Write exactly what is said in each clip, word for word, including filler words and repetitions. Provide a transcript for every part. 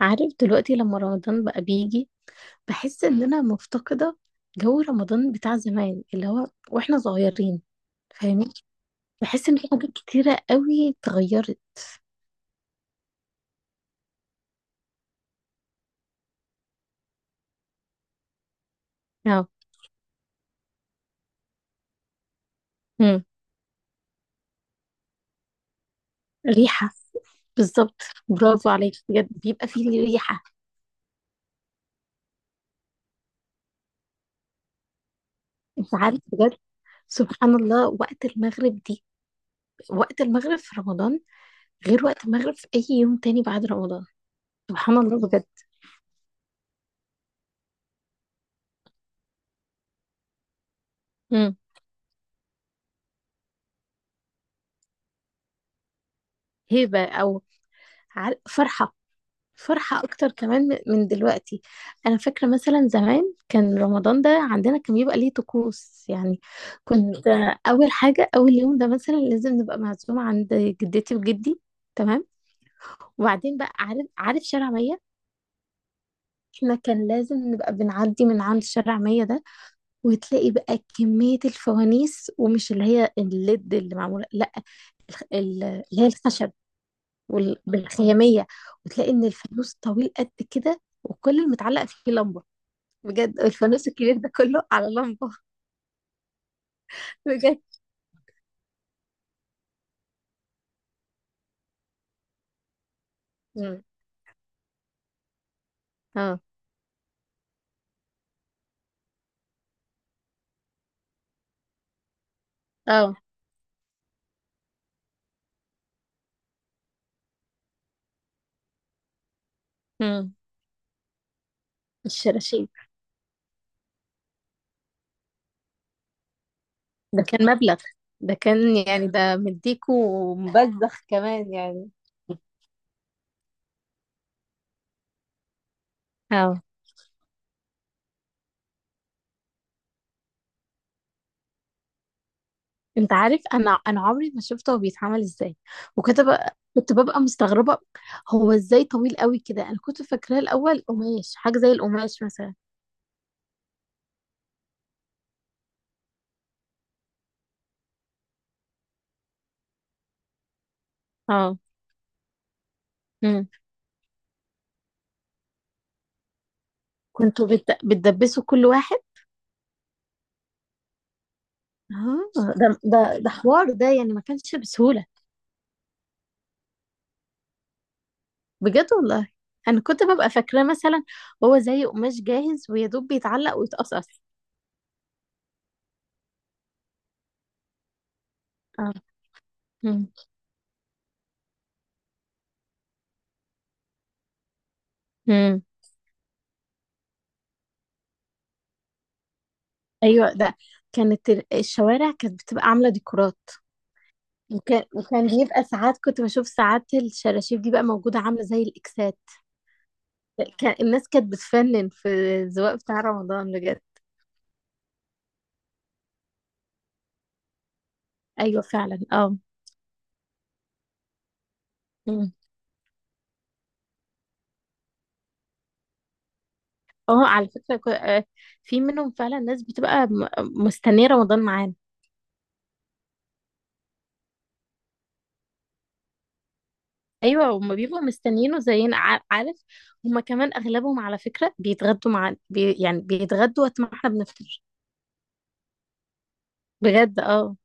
عارف دلوقتي لما رمضان بقى بيجي، بحس ان انا مفتقدة جو رمضان بتاع زمان اللي هو واحنا صغيرين. فاهمين؟ بحس ان في حاجات كتيرة قوي اتغيرت. اه. امم ريحة، بالظبط. برافو عليك، بجد بيبقى فيه ريحة. انت عارف؟ بجد سبحان الله وقت المغرب دي، وقت المغرب في رمضان غير وقت المغرب في اي يوم تاني بعد رمضان. سبحان الله بجد. امم. هيبة او عار- فرحة فرحة أكتر كمان من من دلوقتي. أنا فاكرة مثلا زمان كان رمضان ده عندنا كان بيبقى ليه طقوس يعني. كنت آه، أول حاجة أول يوم ده مثلا لازم نبقى معزومة عند جدتي وجدي، تمام؟ وبعدين بقى عارف عارف شارع مية، احنا كان لازم نبقى بنعدي من عند شارع مية ده. وتلاقي بقى كمية الفوانيس ومش اللي هي الليد اللي معمولة، لا، الخ- ال- اللي هي الخشب وال- بالخيامية. وتلاقي إن الفانوس طويل قد كده وكل المتعلق فيه لمبة. بجد الفانوس الكبير ده كله على لمبة. بجد. مم. اه. اه. مم. الشراشيب. ده كان مبلغ، ده كان يعني ده مديكو مبذخ كمان يعني. اه. انت عارف؟ انا انا عمري ما شفته هو بيتعمل ازاي. وكنت بقى كنت ببقى مستغربة. هو ازاي طويل قوي كده؟ انا كنت فاكراه الاول قماش، حاجة زي القماش مثلا. اه. مم. كنتوا بت... بتدبسوا كل واحد؟ اه. ده ده ده حوار ده يعني ما كانش بسهولة. بجد والله. انا كنت ببقى فاكراه مثلا هو زي قماش جاهز ويا دوب بيتعلق ويتقصقص. اه. مم. مم. ايوه ده. كانت ال- الشوارع كانت بتبقى عامله ديكورات. وكان وكان بيبقى ساعات كنت بشوف ساعات الشراشيب دي بقى موجوده عامله زي الاكسات. كان الناس كانت بتفنن في الزواق بتاع رمضان، بجد. ايوه فعلا، اه. مم. اه، على فكره كو- آه، في منهم فعلا ناس بتبقى م- مستنيه رمضان معانا. ايوه هما بيبقوا مستنيينه زينا، ع- عارف؟ هما كمان اغلبهم على فكره بيتغدوا مع بي، يعني بيتغدوا وقت ما احنا بنفطر. بجد اه.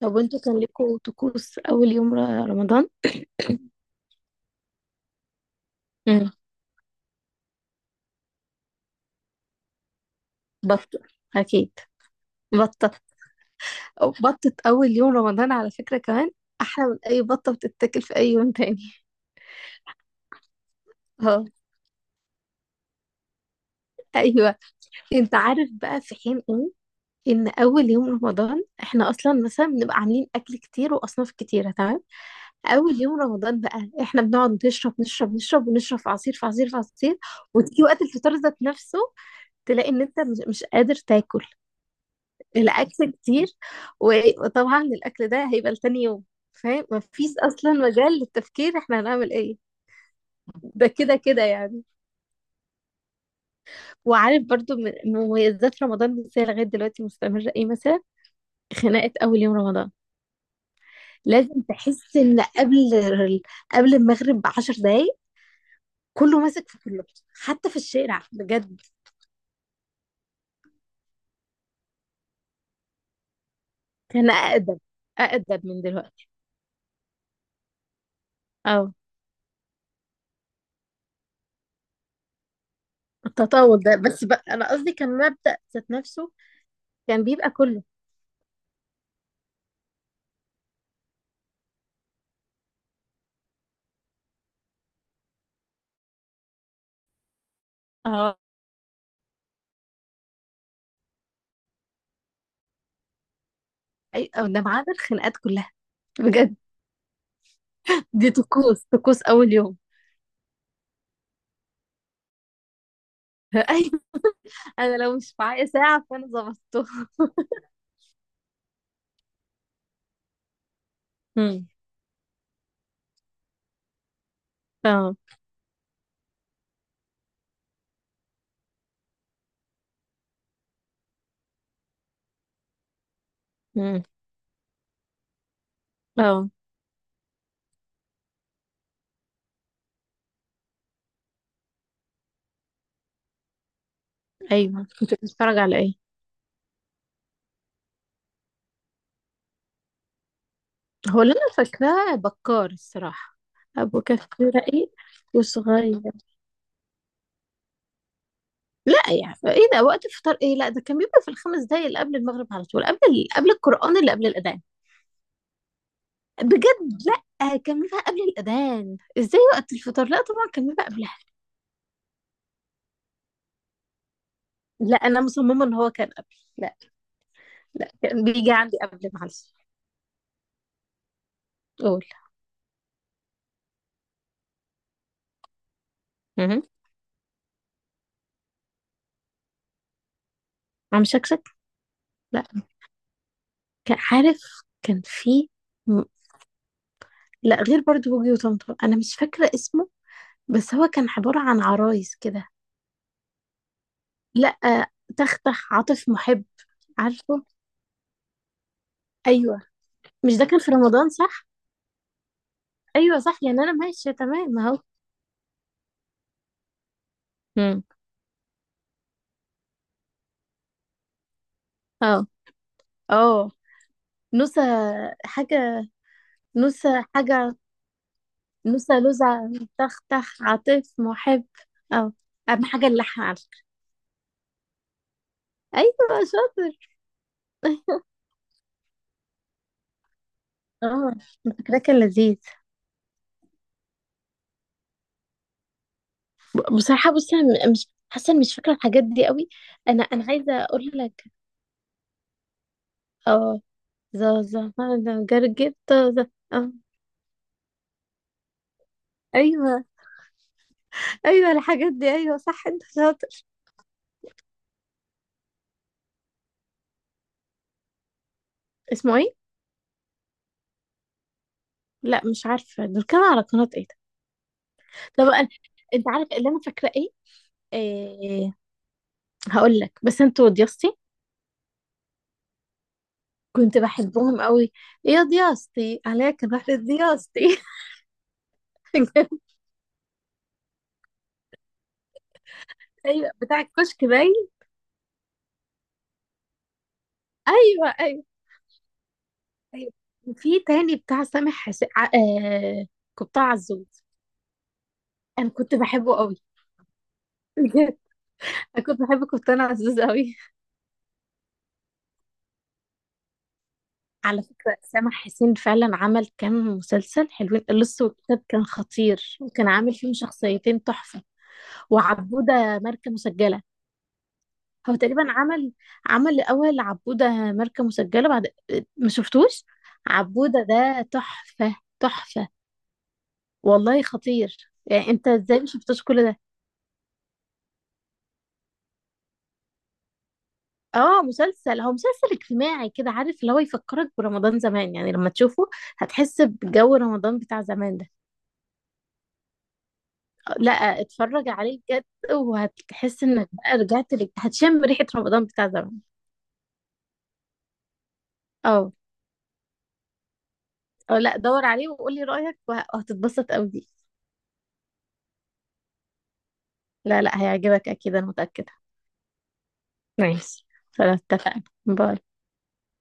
طب وانتوا كان لكم طقوس اول يوم ر- رمضان؟ امم. بط اكيد بطه، أو بطه اول يوم رمضان على فكره كمان احلى من اي بطه بتتاكل في اي يوم تاني. اه. ايوه. انت عارف بقى في حين ايه؟ ان اول يوم رمضان احنا اصلا مثلا بنبقى عاملين اكل كتير واصناف كتيره، تمام. اول يوم رمضان بقى احنا بنقعد نشرب نشرب نشرب ونشرب، في عصير في عصير في عصير، وتيجي وقت الفطار ذات نفسه تلاقي ان انت مش مش قادر تاكل، الاكل كتير. و- وطبعا الاكل ده هيبقى لتاني يوم، فاهم؟ مفيش اصلا مجال للتفكير احنا هنعمل ايه. ده كده كده يعني. وعارف برضو من من مميزات رمضان ازاي لغايه دلوقتي مستمره ايه مثلا؟ خناقه اول يوم رمضان. لازم تحس ان قبل قبل المغرب ب 10 دقايق كله ماسك في كله، حتى في الشارع بجد. كان أقدم، أقدم من دلوقتي. اه. التطاول ده بس بقى، أنا قصدي كان مبدأ ذات نفسه كان بيبقى كله. اه. أي أو ده ما عدا الخناقات كلها، بجد. دي طقوس، طقوس أول يوم. أيوة. أنا لو مش معايا ساعة فأنا ظبطته. امم. اه. امم. اه. ايوه. كنت بتتفرج على ايه؟ هو اللي أنا فاكراه بكار، الصراحة. أبو كفي رقيق وصغير. لا، يعني إيه ده وقت الفطار؟ إيه؟ لا ده كان بيبقى في الخمس دقايق اللي قبل المغرب على طول قبل ال- قبل القرآن اللي قبل الأذان. بجد لا كان بيبقى قبل الأذان، ازاي وقت الفطار؟ لا طبعا كان بيبقى قبلها. لا أنا مصممة إن هو كان قبل، لا، لا كان بيجي عندي قبل، معلش. قول. مهم. عم شكشك. لا. كان عارف. كان في م- لا، غير برضو بوجي وطمطم أنا مش فاكرة اسمه، بس هو كان عبارة عن عرايس كده. لا. تختخ عاطف محب. عارفه. أيوه. مش ده كان في رمضان، صح؟ أيوه صح، يعني أنا ماشية تمام أهو. مم. اه. اه. نوسة حاجة، نوسة حاجة. نوسة لوزة، تختخ عاطف محب. اه. أهم حاجة اللحن على فكرة. أيوة شاطر. اه، فكرة كان لذيذ. ب- بصراحة بصي أنا م- مش حاسة إني مش فاكرة الحاجات دي قوي. أنا أنا عايزة أقول لك. اه. زازا، أنا جرجيت زازا. اه. أيوة أيوة الحاجات دي، أيوة صح أنت شاطر. اسمه إيه؟ لا مش عارفة دول كانوا على قناة إيه ده؟ طب أنا، أنت عارف اللي أنا فاكرة إيه؟ إيه؟ هقول لك بس أنت وضيستي. كنت بحبهم قوي. يا ضياستي عليك بحر ضياستي. ايوه، بتاع الكشك باين. ايوه ايوه ايوه. وفي تاني بتاع سامح حس... ع- آه... كابتن عزوز. انا كنت بحبه قوي، بجد. انا كنت بحب كابتن عزوز قوي. على فكره سامح حسين فعلا عمل كام مسلسل حلوين. اللص والكتاب كان خطير، وكان عامل فيهم شخصيتين تحفه. وعبوده ماركه مسجله. هو تقريبا عمل، عمل الأول عبودة ماركة مسجلة بعد. ما شفتوش. عبودة ده تحفة، تحفة. والله خطير، يعني انت ازاي ما شفتوش كل ده؟ اه مسلسل، هو مسلسل اجتماعي كده، عارف اللي هو يفكرك برمضان زمان يعني لما تشوفه. هتحس بجو رمضان بتاع زمان ده. لا. اتفرج عليه بجد، وهتحس انك بقى رجعت لك، هتشم ريحة رمضان بتاع زمان. اه. اه. لا دور عليه وقولي رأيك، وه- وهتتبسط قوي دي. لا لا، هيعجبك اكيد، انا متأكدة. ماشي. خلاص اتفقنا، باي.